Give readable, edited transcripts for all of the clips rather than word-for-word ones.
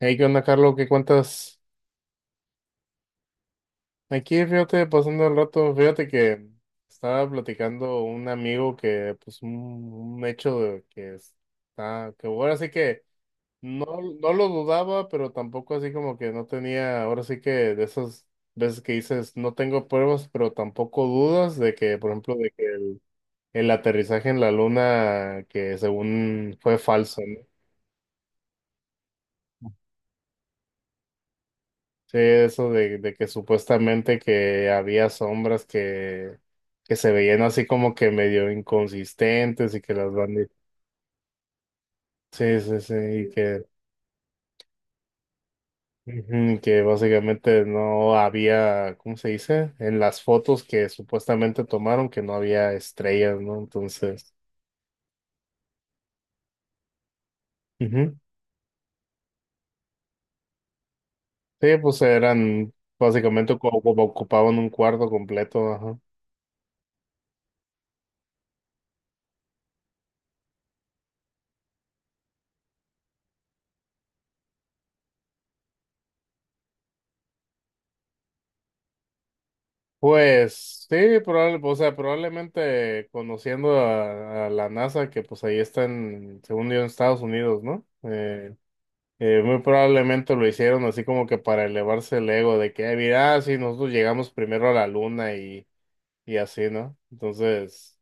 Hey, ¿qué onda, Carlos? ¿Qué cuentas? Aquí, fíjate, pasando el rato, fíjate que estaba platicando un amigo que, pues, un hecho de que está, que ahora sí que no, no lo dudaba, pero tampoco así como que no tenía, ahora sí que, de esas veces que dices, no tengo pruebas, pero tampoco dudas de que, por ejemplo, de que el aterrizaje en la Luna, que según fue falso, ¿no? Sí, eso de que supuestamente que había sombras que se veían así como que medio inconsistentes y que las bandas... Sí, sí, sí, y que, ujú, que básicamente no había. ¿Cómo se dice? En las fotos que supuestamente tomaron que no había estrellas, ¿no? Entonces, ujú. Sí, pues eran básicamente como ocupaban un cuarto completo. Pues sí, o sea, probablemente conociendo a la NASA, que pues ahí está en, según yo, en Estados Unidos, ¿no? Muy probablemente lo hicieron así como que para elevarse el ego de que, "Ah, mira, si nosotros llegamos primero a la Luna", y así, ¿no? Entonces,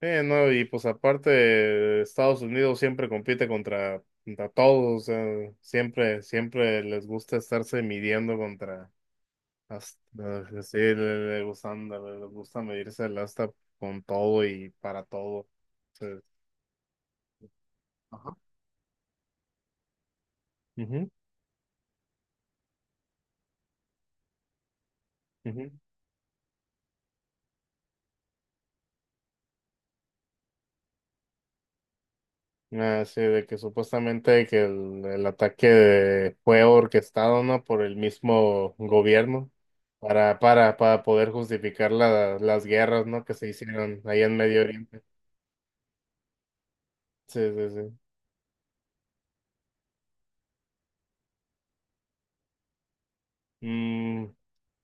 no, y pues aparte, Estados Unidos siempre compite contra todos, o sea, siempre, siempre les gusta estarse midiendo contra. Hasta, sí, le gusta medirse el hasta con todo y para todo. Sí. Ajá. Ujú, ujú. Ah, sí, de que supuestamente que el ataque fue orquestado, ¿no? Por el mismo gobierno, para poder justificar las guerras, ¿no? que se hicieron ahí en Medio Oriente. Sí, sí, sí. Mm,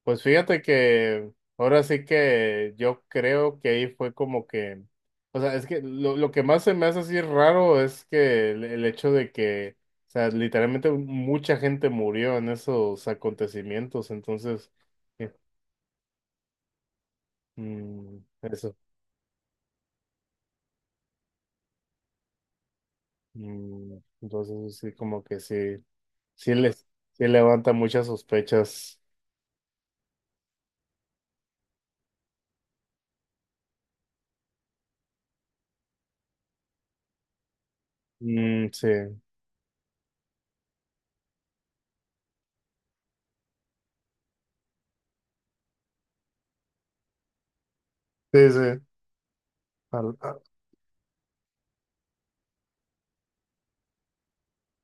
pues fíjate que ahora sí que yo creo que ahí fue como que, o sea, es que lo que más se me hace así raro es que el hecho de que, o sea, literalmente mucha gente murió en esos acontecimientos. Entonces, eh, mm, eso, entonces, sí, como que sí, sí les, sí levanta muchas sospechas. Mm, sí, sí, sí. Al- a-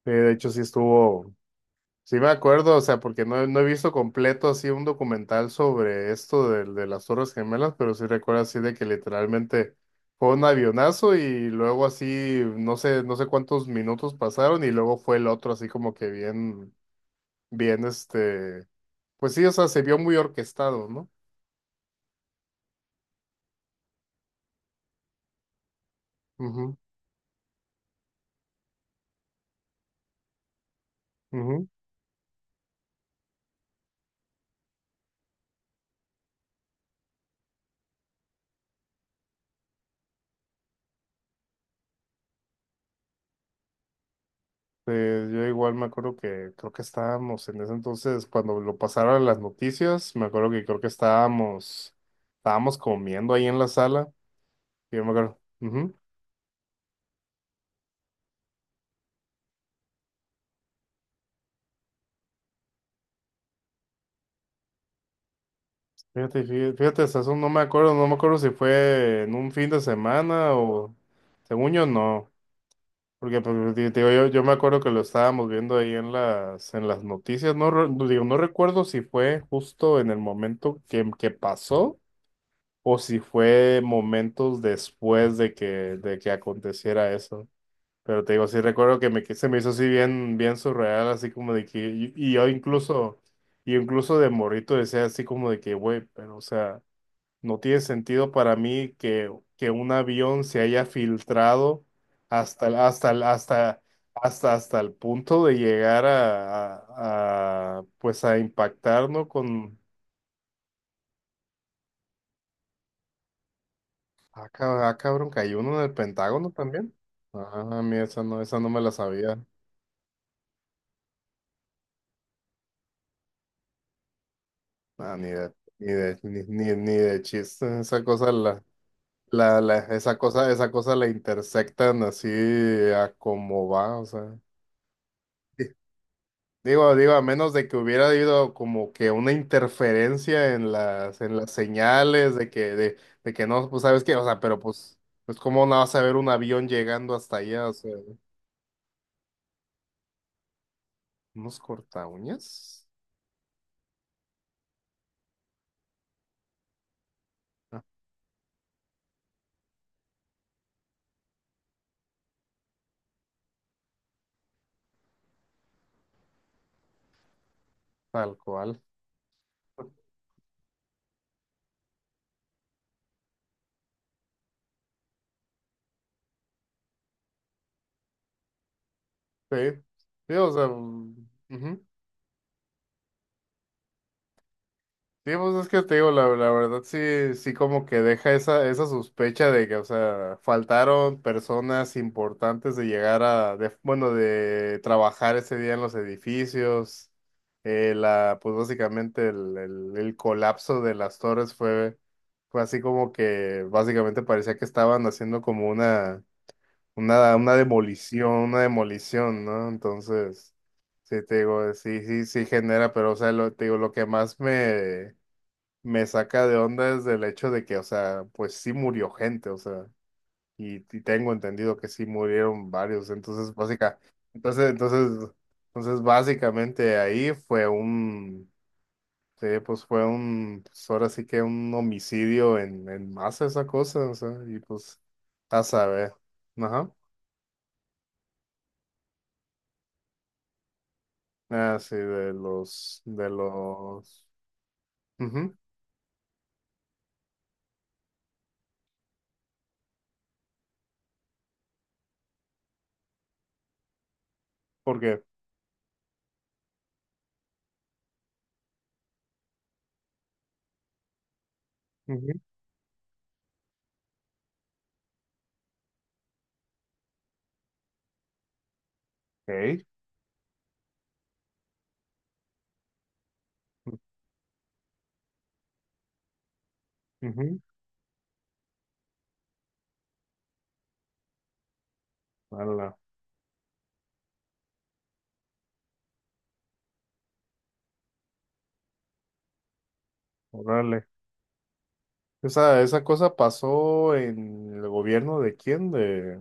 sí, de hecho sí estuvo. Sí me acuerdo, o sea, porque no, no he visto completo así un documental sobre esto de las Torres Gemelas, pero sí recuerdo así de que literalmente fue un avionazo y luego así, no sé, no sé cuántos minutos pasaron y luego fue el otro así como que bien, bien este, pues sí, o sea, se vio muy orquestado, ¿no? Ujú, ujú. Yo igual me acuerdo que creo que estábamos en ese entonces, cuando lo pasaron las noticias, me acuerdo que creo que estábamos comiendo ahí en la sala. Sí, yo me acuerdo. Ujú. Fíjate, fíjate, fíjate, hasta eso no me acuerdo, no me acuerdo si fue en un fin de semana o según yo no, porque pues, digo, yo me acuerdo que lo estábamos viendo ahí en las noticias. No, no recuerdo si fue justo en el momento que pasó o si fue momentos después de que aconteciera eso. Pero te digo, sí recuerdo que se me hizo así bien, bien surreal, así como de que, y y incluso de morrito decía así como de que, güey, pero o sea, no tiene sentido para mí que un avión se haya filtrado hasta, el- hasta, el- hasta, hasta el punto de llegar pues a impactar, ¿no? Con, cabrón, cayó uno en el Pentágono también. Ah, mira, esa no me la sabía. No, ni de chiste. Esa cosa esa cosa, esa cosa la intersectan así a como va, o sea. Di- digo, a menos de que hubiera habido como que una interferencia en las señales de que no, pues sabes qué, o sea, pero pues cómo no vas a ver un avión llegando hasta allá, o sea, unos cortaúñas. Ah, tal cual. Sí, sí, o sea, ujú. Sí, pues es que te digo, la verdad sí, sí como que deja esa sospecha de que, o sea, faltaron personas importantes de llegar a, bueno, de trabajar ese día en los edificios. Pues básicamente el colapso de las torres fue así como que básicamente parecía que estaban haciendo como una demolición, una demolición, ¿no? Entonces, sí, te digo, sí, sí, sí genera, pero, o sea, te digo, lo que más me saca de onda desde el hecho de que, o sea, pues sí murió gente, o sea, y tengo entendido que sí murieron varios. Entonces, entonces, entonces básicamente ahí fue un, sí, pues fue un, pues ahora sí que un homicidio en masa esa cosa, o sea, y pues, a saber, ajá, ah, sí, mhm. ¿Por qué? Mhm, ok, ujú, ala, órale. Esa cosa pasó en el gobierno de quién, de...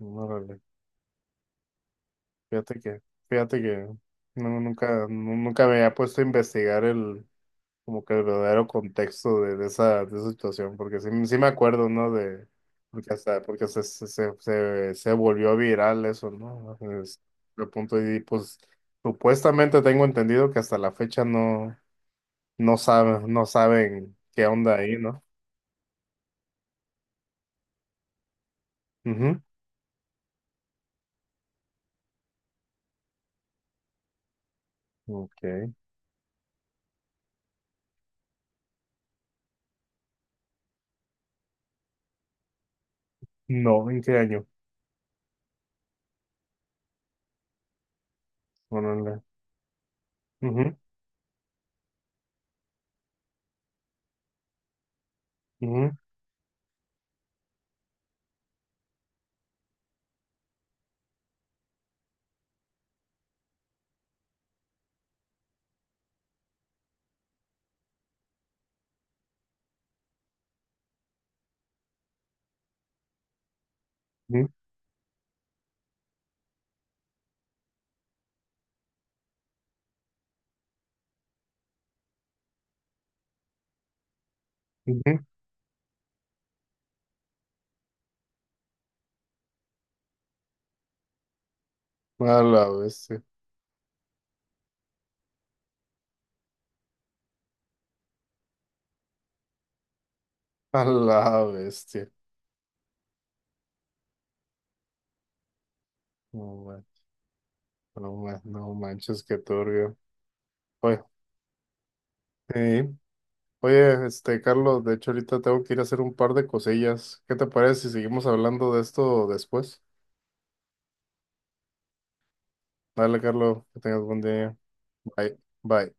Órale, fíjate que, fíjate que no, nunca, nunca me había puesto a investigar como que el verdadero contexto de esa situación, porque sí, sí me acuerdo, ¿no? De, porque hasta, porque se volvió viral eso, ¿no? De punto y pues supuestamente tengo entendido que hasta la fecha no, no saben qué onda ahí, ¿no? Ujú. Ok. No, ¿en qué año? Órale. Ujú, ujú, ujú, ujú. A la bestia. A la bestia. No, man- no manches, qué turbio. Oye, sí. Oye, este, Carlos, de hecho ahorita tengo que ir a hacer un par de cosillas. ¿Qué te parece si seguimos hablando de esto después? Dale, Carlos, que tengas buen día. Bye. Bye.